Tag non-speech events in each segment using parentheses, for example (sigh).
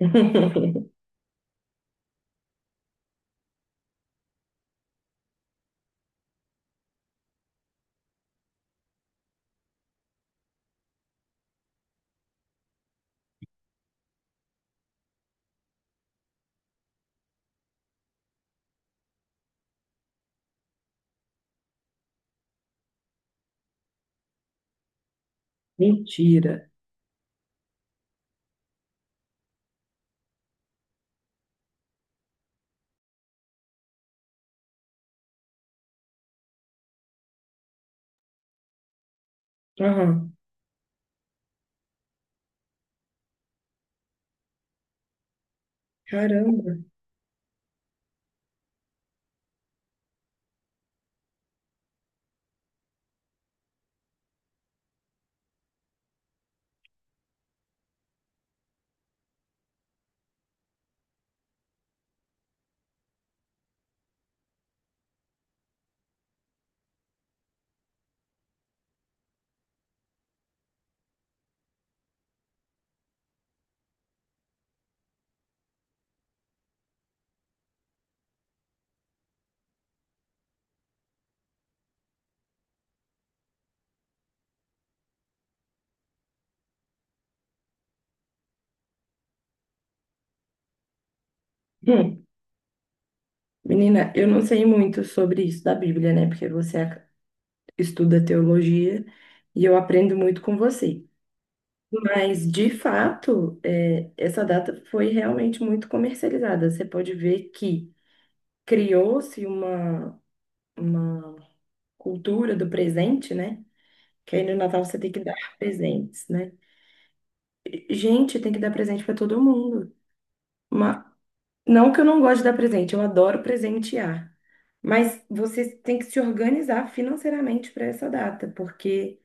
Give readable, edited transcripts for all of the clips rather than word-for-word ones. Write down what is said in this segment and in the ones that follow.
(laughs) Mentira. Aham. Caramba. (laughs) Hum. Menina, eu não sei muito sobre isso da Bíblia, né? Porque estuda teologia e eu aprendo muito com você. Mas, de fato, é, essa data foi realmente muito comercializada. Você pode ver que criou-se uma cultura do presente, né? Que aí no Natal você tem que dar presentes, né? Gente, tem que dar presente para todo mundo. Não que eu não goste de dar presente, eu adoro presentear. Mas você tem que se organizar financeiramente para essa data, porque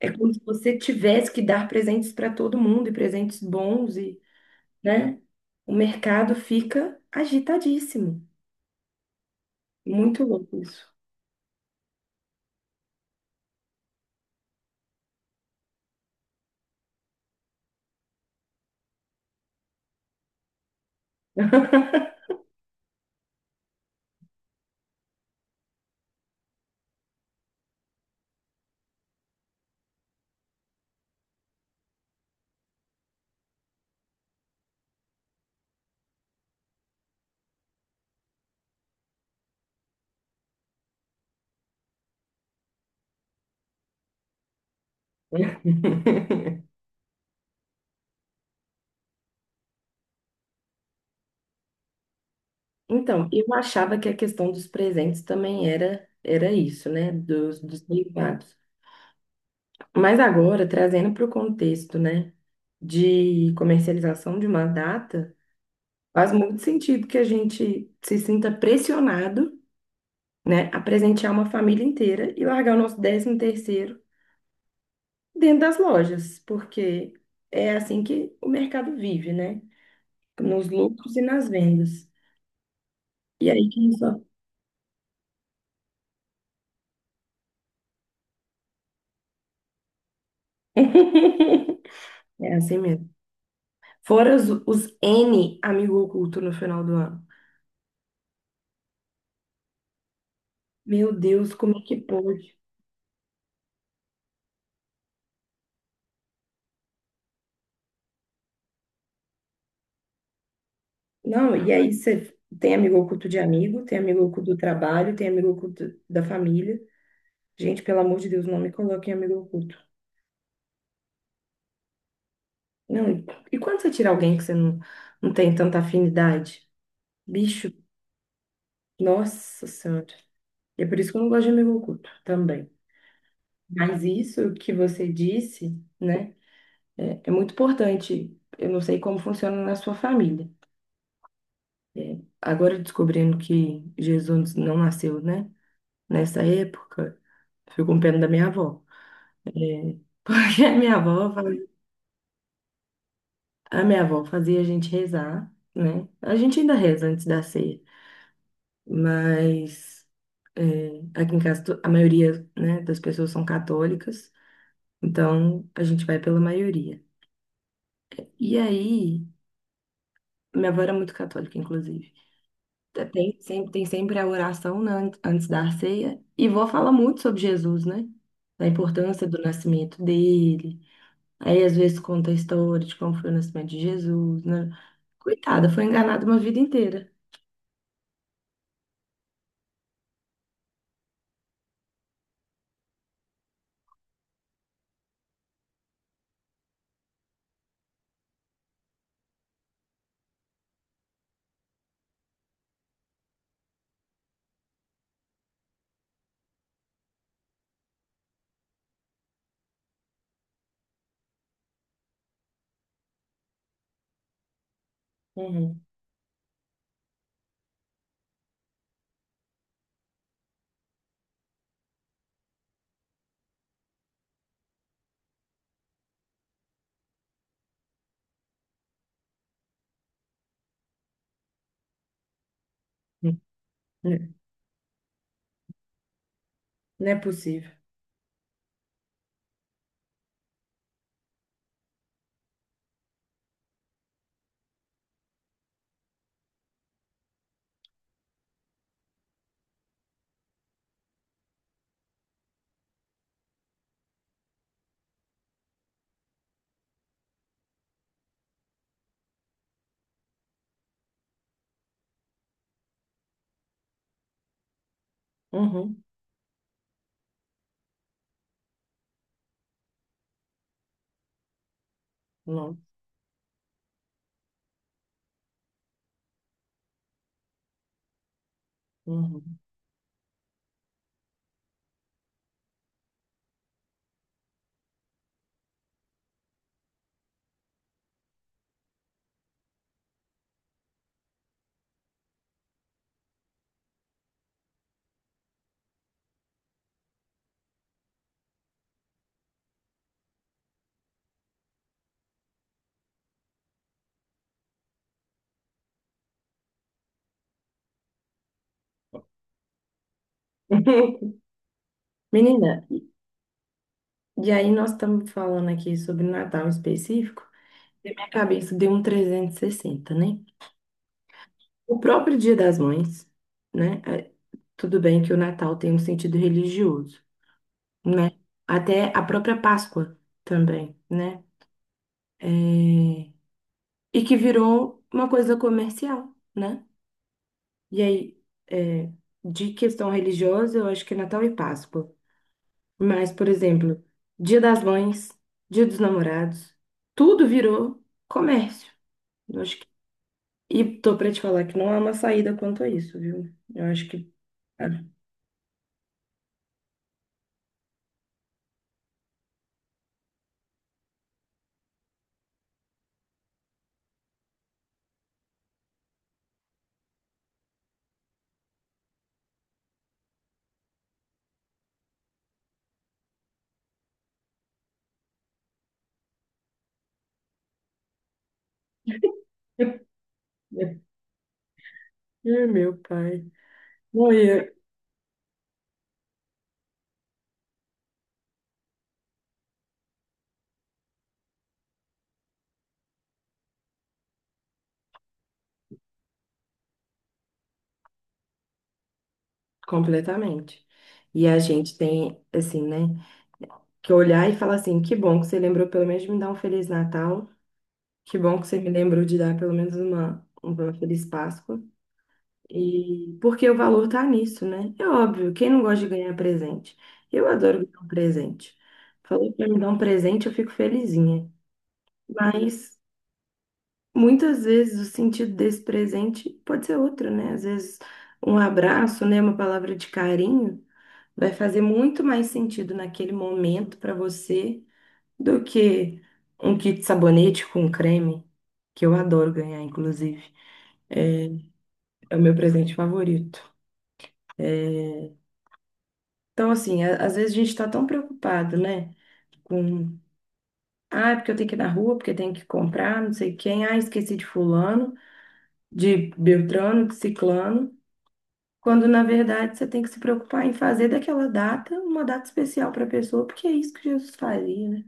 é como se você tivesse que dar presentes para todo mundo e presentes bons e, né? O mercado fica agitadíssimo. Muito louco isso. (laughs) Então, eu achava que a questão dos presentes também era isso, né? Dos derivados. Mas agora, trazendo para o contexto, né? De comercialização de uma data, faz muito sentido que a gente se sinta pressionado, né, a presentear uma família inteira e largar o nosso 13º dentro das lojas, porque é assim que o mercado vive, né? Nos lucros e nas vendas. E aí quem só... (laughs) É assim mesmo. Fora os N amigo oculto no final do ano. Meu Deus, como é que pode? Não, e aí você tem amigo oculto de amigo, tem amigo oculto do trabalho, tem amigo oculto da família. Gente, pelo amor de Deus, não me coloque em amigo oculto. Não, e quando você tira alguém que você não, não tem tanta afinidade? Bicho, nossa senhora. E é por isso que eu não gosto de amigo oculto também. Mas isso que você disse, né, é, é muito importante. Eu não sei como funciona na sua família. Agora descobrindo que Jesus não nasceu, né, nessa época, fico com pena da minha avó. É, porque a minha avó, a minha avó fazia a gente rezar, né? A gente ainda reza antes da ceia, mas é, aqui em casa a maioria, né, das pessoas são católicas, então a gente vai pela maioria. E aí, minha avó era muito católica, inclusive. Tem sempre a oração, né, antes da ceia, e vó fala muito sobre Jesus, né? Da importância do nascimento dele. Aí, às vezes, conta a história de como foi o nascimento de Jesus, né? Coitada, foi enganada uma vida inteira. Uhum. Né, não é possível. Uhum. Não. Uhum. (laughs) Menina, e aí nós estamos falando aqui sobre Natal em específico, e minha cabeça deu um 360, né? O próprio Dia das Mães, né? É, tudo bem que o Natal tem um sentido religioso, né? Até a própria Páscoa também, né? É, e que virou uma coisa comercial, né? E aí, é, de questão religiosa, eu acho que é Natal e Páscoa. Mas, por exemplo, Dia das Mães, Dia dos Namorados, tudo virou comércio. Eu acho que... E tô pra te falar que não há uma saída quanto a isso, viu? Eu acho que. (laughs) É, meu pai. Morria completamente. E a gente tem, assim, né, que olhar e falar assim: que bom que você lembrou pelo menos de me dar um Feliz Natal, que bom que você me lembrou de dar pelo menos uma Feliz Páscoa. E porque o valor tá nisso, né? É óbvio, quem não gosta de ganhar presente? Eu adoro ganhar um presente. Falou pra me dar um presente, eu fico felizinha. Mas muitas vezes o sentido desse presente pode ser outro, né? Às vezes um abraço, né, uma palavra de carinho vai fazer muito mais sentido naquele momento para você do que um kit de sabonete com creme, que eu adoro ganhar, inclusive. É o meu presente favorito. Então, assim, às vezes a gente está tão preocupado, né? Com, ah, é porque eu tenho que ir na rua, porque tenho que comprar, não sei quem, ah, esqueci de fulano, de Beltrano, de Ciclano, quando na verdade você tem que se preocupar em fazer daquela data uma data especial para a pessoa, porque é isso que Jesus faria, né?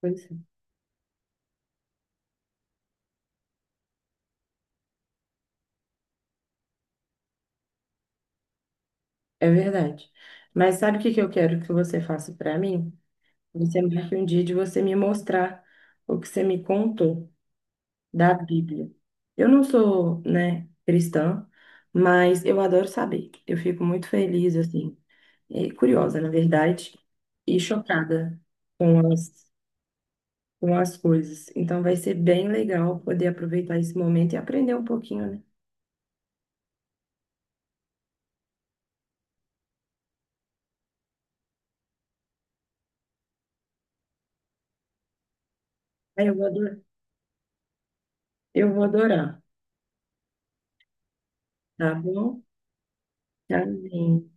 Pois é, é verdade. Mas sabe o que que eu quero que você faça para mim? Você marque um dia de você me mostrar o que você me contou da Bíblia. Eu não sou, né, cristã, mas eu adoro saber. Eu fico muito feliz, assim, e curiosa, na verdade, e chocada com as, com as coisas. Então vai ser bem legal poder aproveitar esse momento e aprender um pouquinho, né? Aí eu vou adorar. Eu vou adorar, tá bom? Amém.